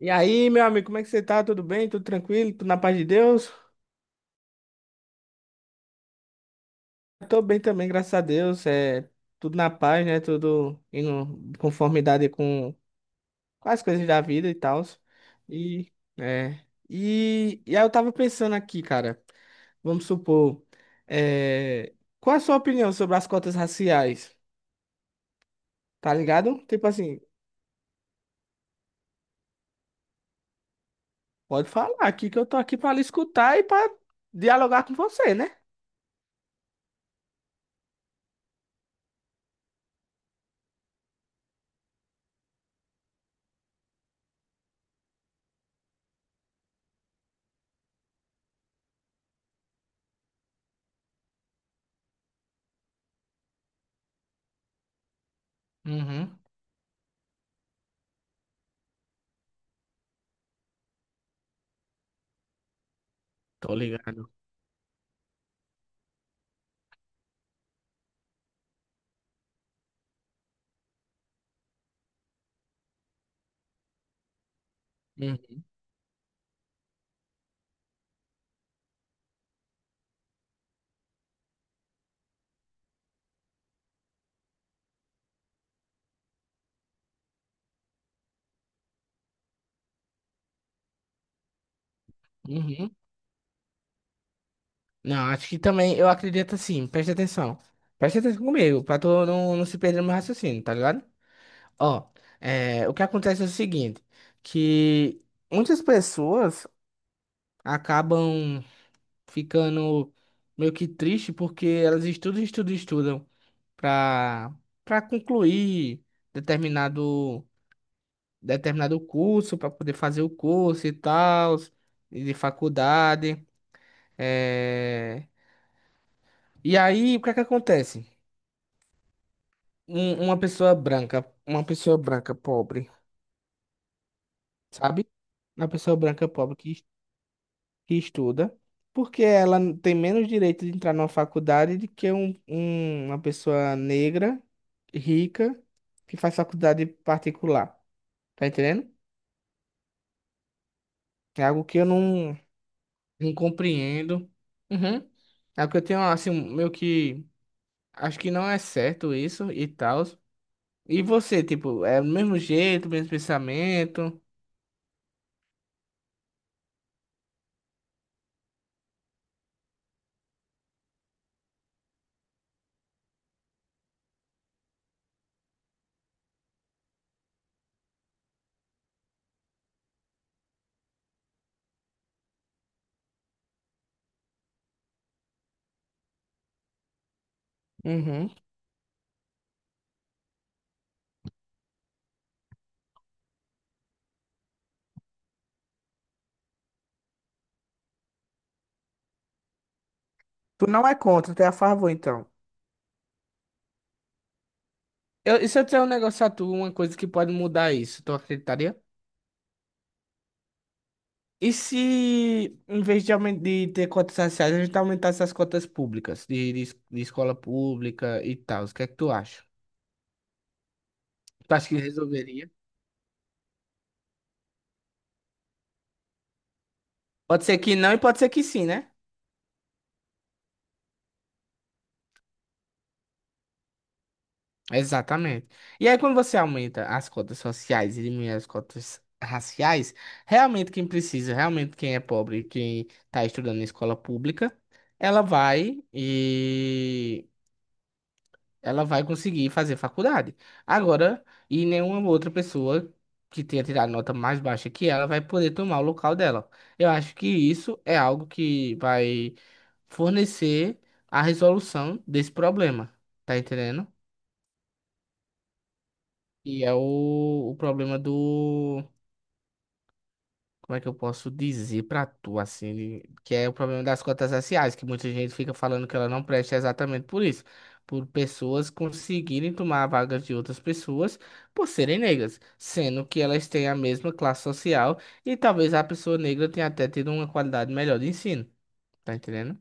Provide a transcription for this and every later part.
E aí, meu amigo, como é que você tá? Tudo bem? Tudo tranquilo? Tudo na paz de Deus? Tô bem também, graças a Deus. É tudo na paz, né? Tudo em conformidade com as coisas da vida e tal. E, é, e aí eu tava pensando aqui, cara, vamos supor, é, qual a sua opinião sobre as cotas raciais? Tá ligado? Tipo assim, pode falar aqui que eu tô aqui pra lhe escutar e pra dialogar com você, né? Uhum, tô ligado. Uhum, uhum. Não, acho que também, eu acredito assim, preste atenção. Preste atenção comigo, pra tu não se perder no meu raciocínio, tá ligado? Ó, o que acontece é o seguinte, que muitas pessoas acabam ficando meio que triste porque elas estudam, estudam, estudam pra, pra concluir determinado, determinado curso, pra poder fazer o curso e tal, e de faculdade. É... E aí, o que é que acontece? Uma pessoa branca, uma pessoa branca pobre, sabe? Uma pessoa branca pobre que estuda, porque ela tem menos direito de entrar numa faculdade do que uma pessoa negra, rica, que faz faculdade particular. Tá entendendo? É algo que eu não, Não compreendo. Uhum. É algo que eu tenho, assim, meio que. Acho que não é certo isso e tal. E você, tipo, é o mesmo jeito, mesmo pensamento. Uhum. Tu não é contra, tu é a favor, então. E se eu disser um negócio a tu, uma coisa que pode mudar isso, tu acreditaria? E se, em vez de ter cotas raciais, a gente aumentasse as cotas públicas, de escola pública e tal? O que é que tu acha? Tu acha que resolveria? Pode ser que não e pode ser que sim, né? Exatamente. E aí, quando você aumenta as cotas sociais e diminui as cotas raciais, realmente quem precisa, realmente quem é pobre, quem está estudando em escola pública, ela vai ela vai conseguir fazer faculdade. Agora, e nenhuma outra pessoa que tenha tirado nota mais baixa que ela vai poder tomar o local dela. Eu acho que isso é algo que vai fornecer a resolução desse problema, tá entendendo? E é o problema do. Como é que eu posso dizer pra tu, assim, que é o problema das cotas raciais, que muita gente fica falando que ela não presta exatamente por isso, por pessoas conseguirem tomar vagas de outras pessoas por serem negras, sendo que elas têm a mesma classe social e talvez a pessoa negra tenha até tido uma qualidade melhor de ensino, tá entendendo?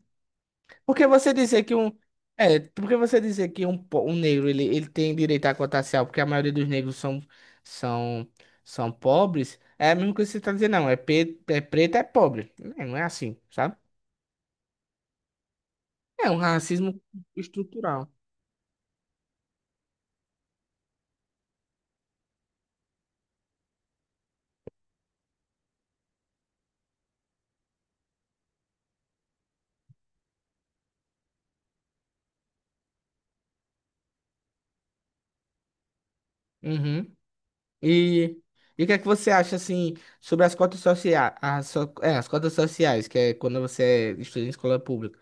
Porque você dizer que um. É, porque você dizer que um negro ele tem direito à cota racial, porque a maioria dos negros são, são pobres, é a mesma coisa que você está dizendo, não. É preto, é pobre. É, não é assim, sabe? É um racismo estrutural. Uhum. E, e o que é que você acha, assim, sobre as cotas sociais? As cotas sociais, que é quando você estuda em escola pública.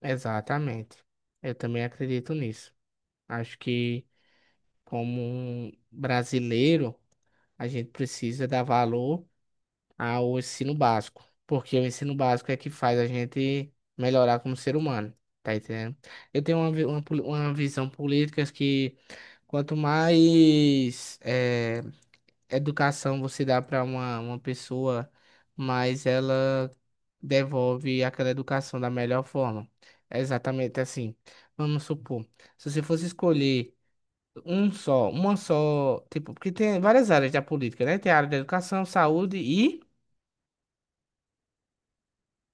Exatamente. Eu também acredito nisso. Acho que, como um brasileiro, a gente precisa dar valor ao ensino básico, porque o ensino básico é que faz a gente melhorar como ser humano, tá entendendo? Eu tenho uma, vi- uma, poli- uma visão política que quanto mais educação você dá para uma pessoa, mais ela devolve aquela educação da melhor forma. É exatamente assim. Vamos supor, se você fosse escolher uma só, tipo, porque tem várias áreas da política, né? Tem a área da educação,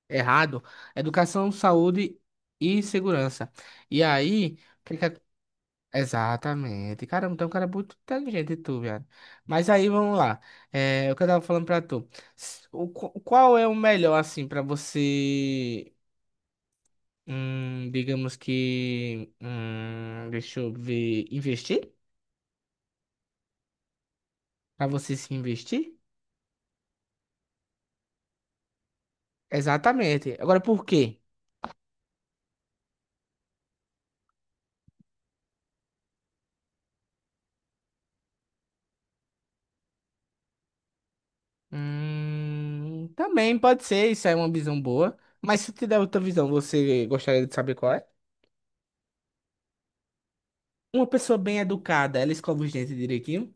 errado, educação, saúde e segurança. E aí, o que que ac- exatamente, caramba, então um cara é muito inteligente tu, velho. Mas aí, vamos lá, é, o que eu tava falando pra tu, qual é o melhor, assim, pra você, deixa eu ver, investir? Pra você se investir? Exatamente. Agora, por quê? Também pode ser, isso é uma visão boa. Mas se eu te der outra visão, você gostaria de saber qual é? Uma pessoa bem educada, ela escova os dentes direitinho?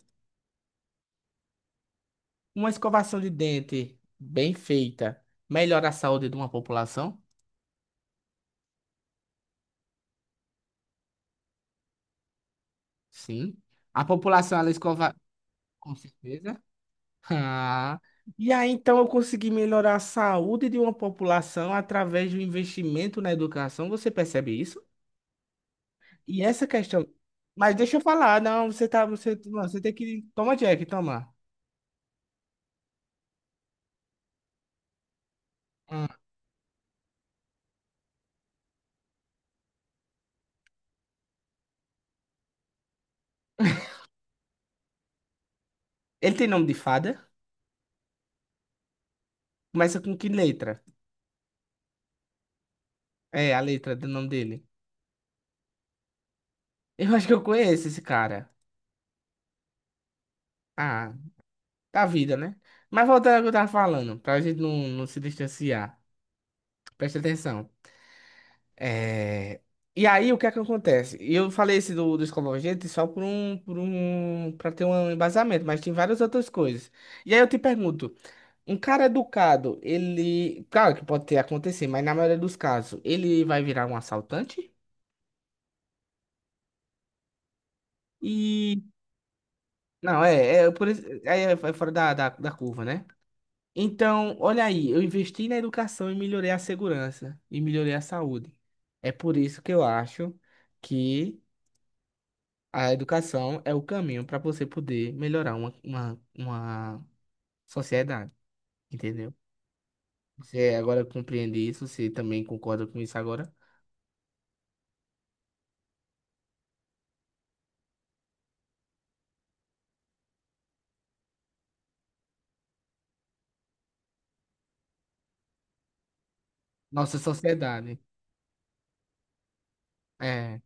Uma escovação de dente bem feita melhora a saúde de uma população? Sim. A população, ela escova... Com certeza. Ah, e aí, então, eu consegui melhorar a saúde de uma população através do investimento na educação. Você percebe isso? E essa questão. Mas deixa eu falar, não, você tá. Você, não, você tem que. Toma, Jack, toma. Hum. Ele tem nome de fada? Começa com que letra? É, a letra do nome dele. Eu acho que eu conheço esse cara. Ah, da vida, né? Mas voltando ao que eu tava falando, pra gente não se distanciar. Presta atenção. É... E aí, o que é que acontece? Eu falei esse dos convergentes só por um, para ter um embasamento, mas tem várias outras coisas. E aí eu te pergunto. Um cara educado, ele. Claro que pode ter acontecido, mas na maioria dos casos, ele vai virar um assaltante? E. Não, é, É por isso. Aí é fora da curva, né? Então, olha aí, eu investi na educação e melhorei a segurança e melhorei a saúde. É por isso que eu acho que a educação é o caminho para você poder melhorar uma sociedade, entendeu? Você agora compreende isso, você também concorda com isso agora? Nossa sociedade. É.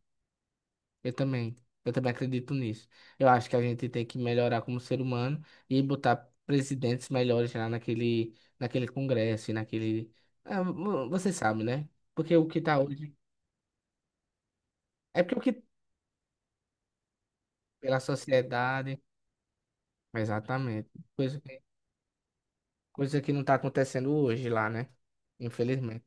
Eu também. Eu também acredito nisso. Eu acho que a gente tem que melhorar como ser humano e botar presidentes melhores lá naquele congresso e naquele. Ah, você sabe, né? Porque o que tá hoje. É porque o que. Pela sociedade. Exatamente. Coisa, que- Coisa que não tá acontecendo hoje lá, né? Infelizmente.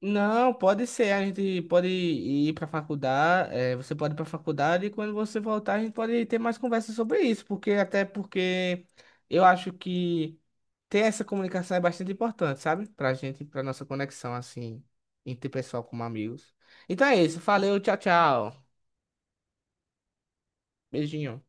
Não, pode ser. A gente pode ir para faculdade. Você pode ir para faculdade e quando você voltar a gente pode ter mais conversa sobre isso, porque até porque eu acho que ter essa comunicação é bastante importante, sabe? Pra gente, pra nossa conexão assim, interpessoal como amigos. Então é isso. Valeu, tchau, tchau. Beijinho.